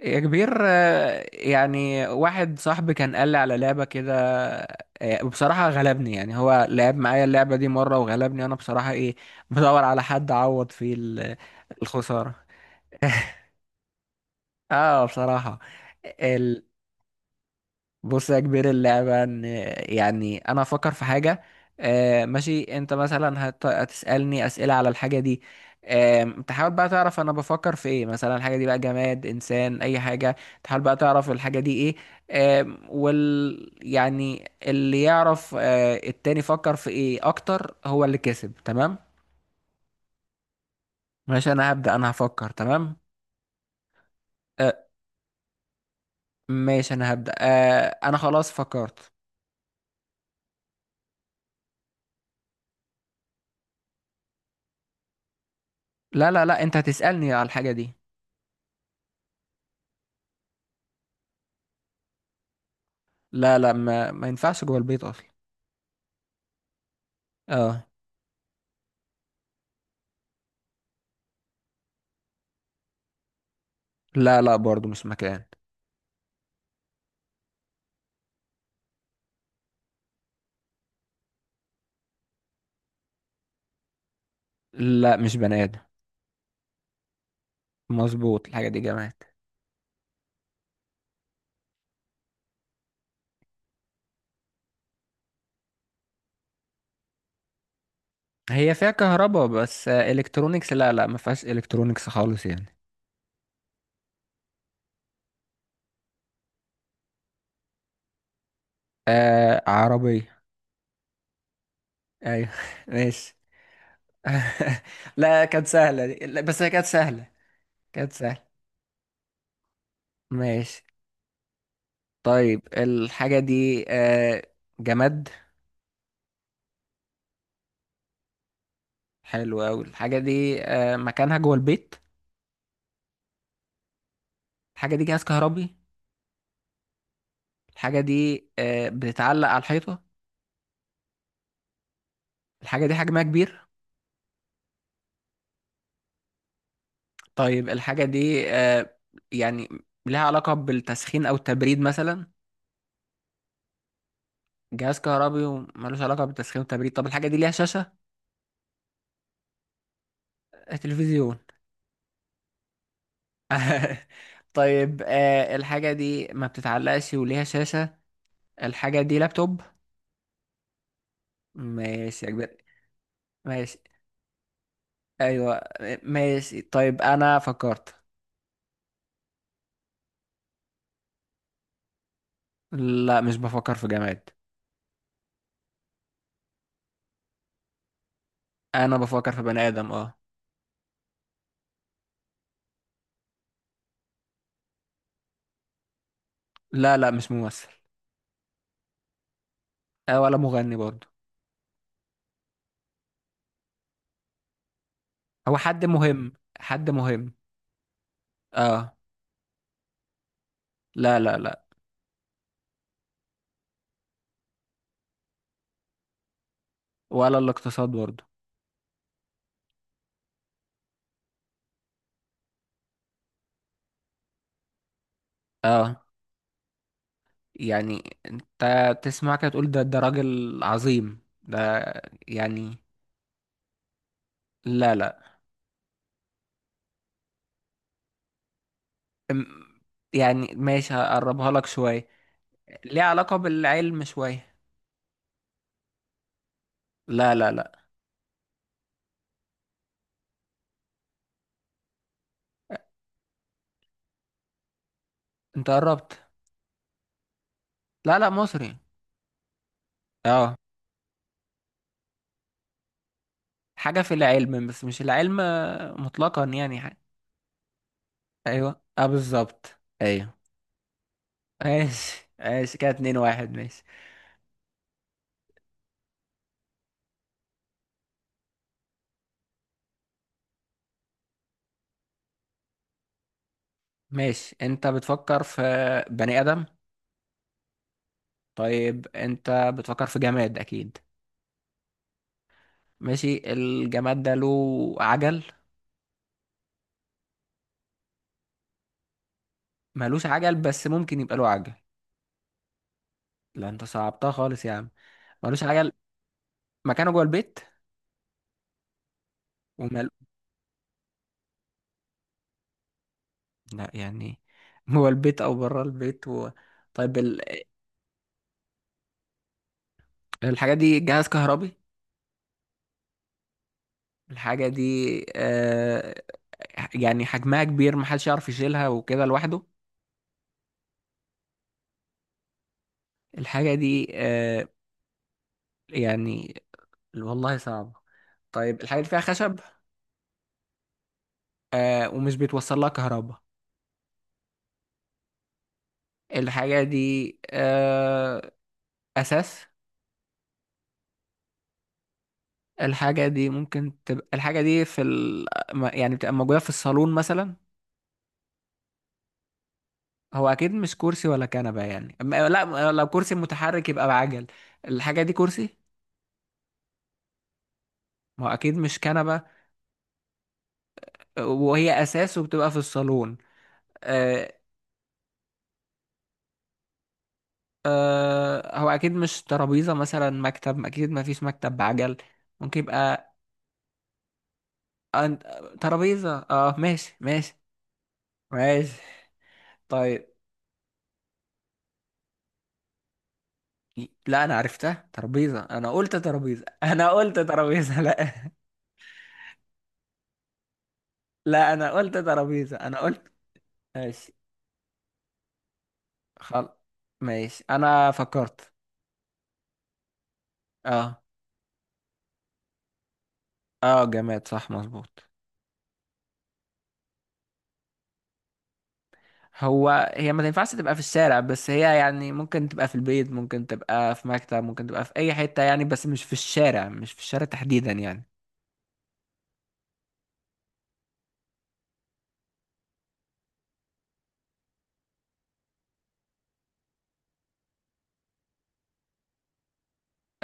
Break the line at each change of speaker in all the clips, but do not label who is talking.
يا كبير يعني واحد صاحبي كان قال لي على لعبة كده. بصراحة غلبني، يعني هو لعب معايا اللعبة دي مرة وغلبني أنا بصراحة، إيه، بدور على حد أعوض فيه الخسارة. اه، بصراحة. بص يا كبير، اللعبة ان يعني انا افكر في حاجة. ماشي، انت مثلا هتسألني اسئلة على الحاجة دي. تحاول بقى تعرف انا بفكر في ايه، مثلا الحاجة دي بقى جماد، انسان، اي حاجة. تحاول بقى تعرف الحاجة دي ايه. آه وال يعني اللي يعرف التاني فكر في ايه اكتر، هو اللي كسب، تمام. ماشي، انا هبدأ، انا هفكر، تمام. آه ماشي، انا هبدأ، انا خلاص فكرت. لا لا لا، انت هتسألني على الحاجة دي. لا لا، ما ينفعش جوه البيت اصلا. اه. لا لا، برضو مش مكان. لا، مش بني ادم. مظبوط، الحاجه دي جماد. هي فيها كهرباء بس، الكترونيكس لا لا، ما فيهاش الكترونيكس خالص يعني. آه، عربيه. ايوه ماشي. لا، كانت سهله دي. لا بس هي كانت سهله. كانت سهله. ماشي، طيب الحاجه دي جماد. حلو قوي، الحاجه دي مكانها جوه البيت. الحاجه دي جهاز كهربي. الحاجه دي بتتعلق على الحيطه. الحاجة دي حجمها كبير. طيب الحاجة دي يعني لها علاقة بالتسخين أو التبريد مثلا. جهاز كهربي وملوش علاقة بالتسخين والتبريد، طب الحاجة دي ليها شاشة. آه، تلفزيون. طيب الحاجة دي ما بتتعلقش وليها شاشة، الحاجة دي لابتوب. ماشي يا كبير. ماشي. أيوة. ماشي طيب، أنا فكرت. لا، مش بفكر في جماد. أنا بفكر في بني آدم، اه. لا لا، مش ممثل. آه، ولا مغني برضه. هو حد مهم. حد مهم. اه. لا لا لا. ولا الاقتصاد برضه. اه. يعني انت تسمع كده تقول ده راجل عظيم ده، يعني. لا لا. أم- يعني ماشي، هقربها لك شوية. ليه علاقة بالعلم شوية. لا لا لا. انت قربت. لا لا، مصري. اه. حاجة في العلم بس مش العلم مطلقا، يعني ايوه اه بالظبط. ايوه. ماشي ماشي، كده 2-1، ماشي. ماشي، انت بتفكر في بني آدم. طيب انت بتفكر في جماد اكيد. ماشي، الجماد ده له عجل. ملوش عجل بس ممكن يبقى له عجل. لا، انت صعبتها خالص يا عم. ملوش عجل. مكانه جوه البيت. ومال. لا يعني جوه البيت او بره البيت و... طيب الحاجة دي جهاز كهربي. الحاجة دي يعني حجمها كبير، محدش يعرف يشيلها وكده لوحده. الحاجة دي يعني، والله صعبة. طيب الحاجة دي فيها خشب. آه، ومش بيتوصل لها كهرباء. الحاجة دي أساس. الحاجة دي ممكن تبقى، الحاجة دي في ال... ما- يعني بتبقى موجودة في الصالون مثلا. هو أكيد مش كرسي ولا كنبة، يعني لا، لو كرسي متحرك يبقى بعجل. الحاجة دي كرسي. ما هو أكيد مش كنبة. وهي أساس وبتبقى في الصالون، آه، هو أكيد مش ترابيزة، مثلا مكتب، أكيد ما فيش مكتب بعجل. ممكن يبقى ترابيزة، اه ماشي ماشي. ماشي. طيب. لا، انا عرفتها ترابيزه، انا قلت ترابيزه انا قلت ترابيزه، لا. لا، انا قلت ترابيزه، انا قلت. ماشي. خل ماشي، انا فكرت. اه. اه جماد، صح مظبوط. هو هي ما تنفعش تبقى في الشارع، بس هي يعني ممكن تبقى في البيت، ممكن تبقى في مكتب، ممكن تبقى في اي حته يعني، بس مش في الشارع، مش في الشارع تحديدا يعني.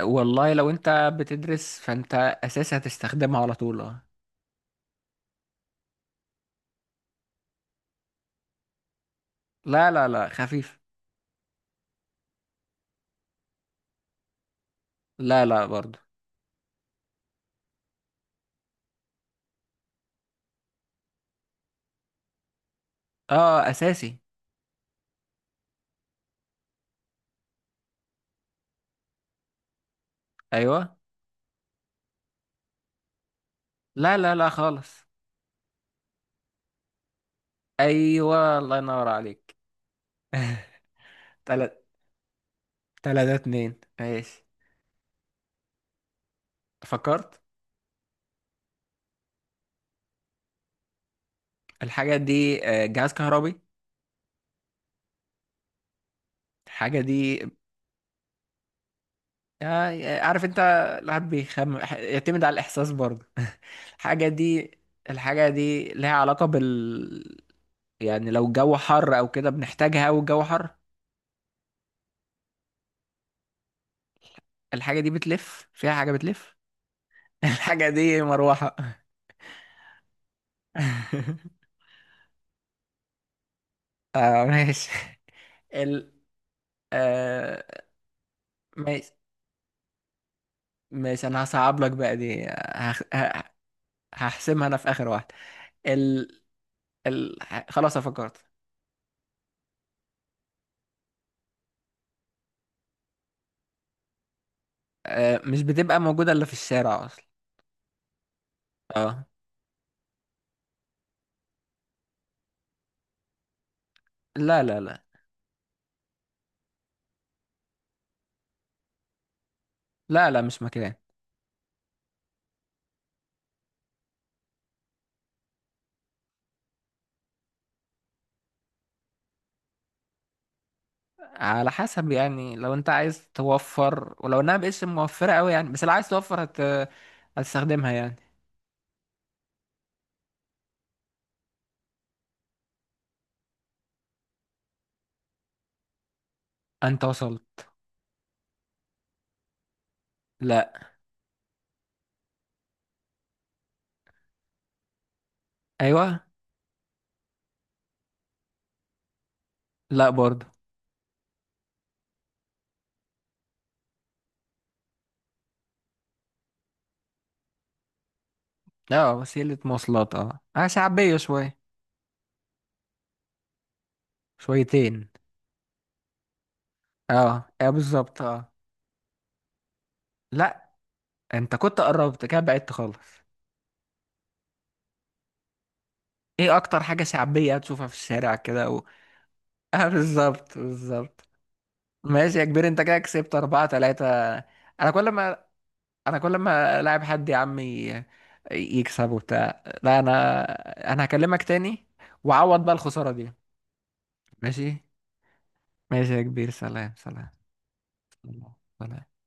والله، لو انت بتدرس فانت اساسي هتستخدمها على طول، اه. لا لا لا، خفيف. لا لا، برضو. اه اساسي. ايوه. لا لا لا، خالص. ايوه، الله ينور عليك. تلات 3-2، ماشي. فكرت. الحاجة دي جهاز كهربي. الحاجة دي عارف انت، الواحد بيخم يعتمد على الإحساس برضه. الحاجة دي، الحاجة دي لها علاقة بال، يعني لو الجو حر أو كده بنحتاجها، والجو حر. الحاجة دي بتلف، فيها حاجة بتلف. الحاجة دي مروحة. اه ماشي. ال آه ماشي ماشي، انا هصعب لك بقى دي هحسمها انا في اخر واحده. ال... ال... خلاص أنا فكرت. آه، مش بتبقى موجوده الا في الشارع اصلا. اه. لا لا لا. لا لا، مش مكان. على حسب يعني، لو انت عايز توفر، ولو انها مبقتش موفره قوي يعني، بس لو عايز توفر هتستخدمها يعني. انت وصلت. لا. ايوه. لا برضه. اه وسيله مواصلات، اه شعبيه شويه. شويتين. اه اه، بالظبط اه. لا، انت كنت قربت كده بعدت خالص. ايه اكتر حاجة شعبية هتشوفها في الشارع كده و... اه، بالظبط بالظبط. ماشي يا كبير، انت كده كسبت 4-3. انا كل ما انا كل ما لاعب حد يا عمي يكسب وبتاع، لا انا، انا هكلمك تاني. وعوض بقى الخسارة دي. ماشي. ماشي يا كبير، سلام سلام. سلام.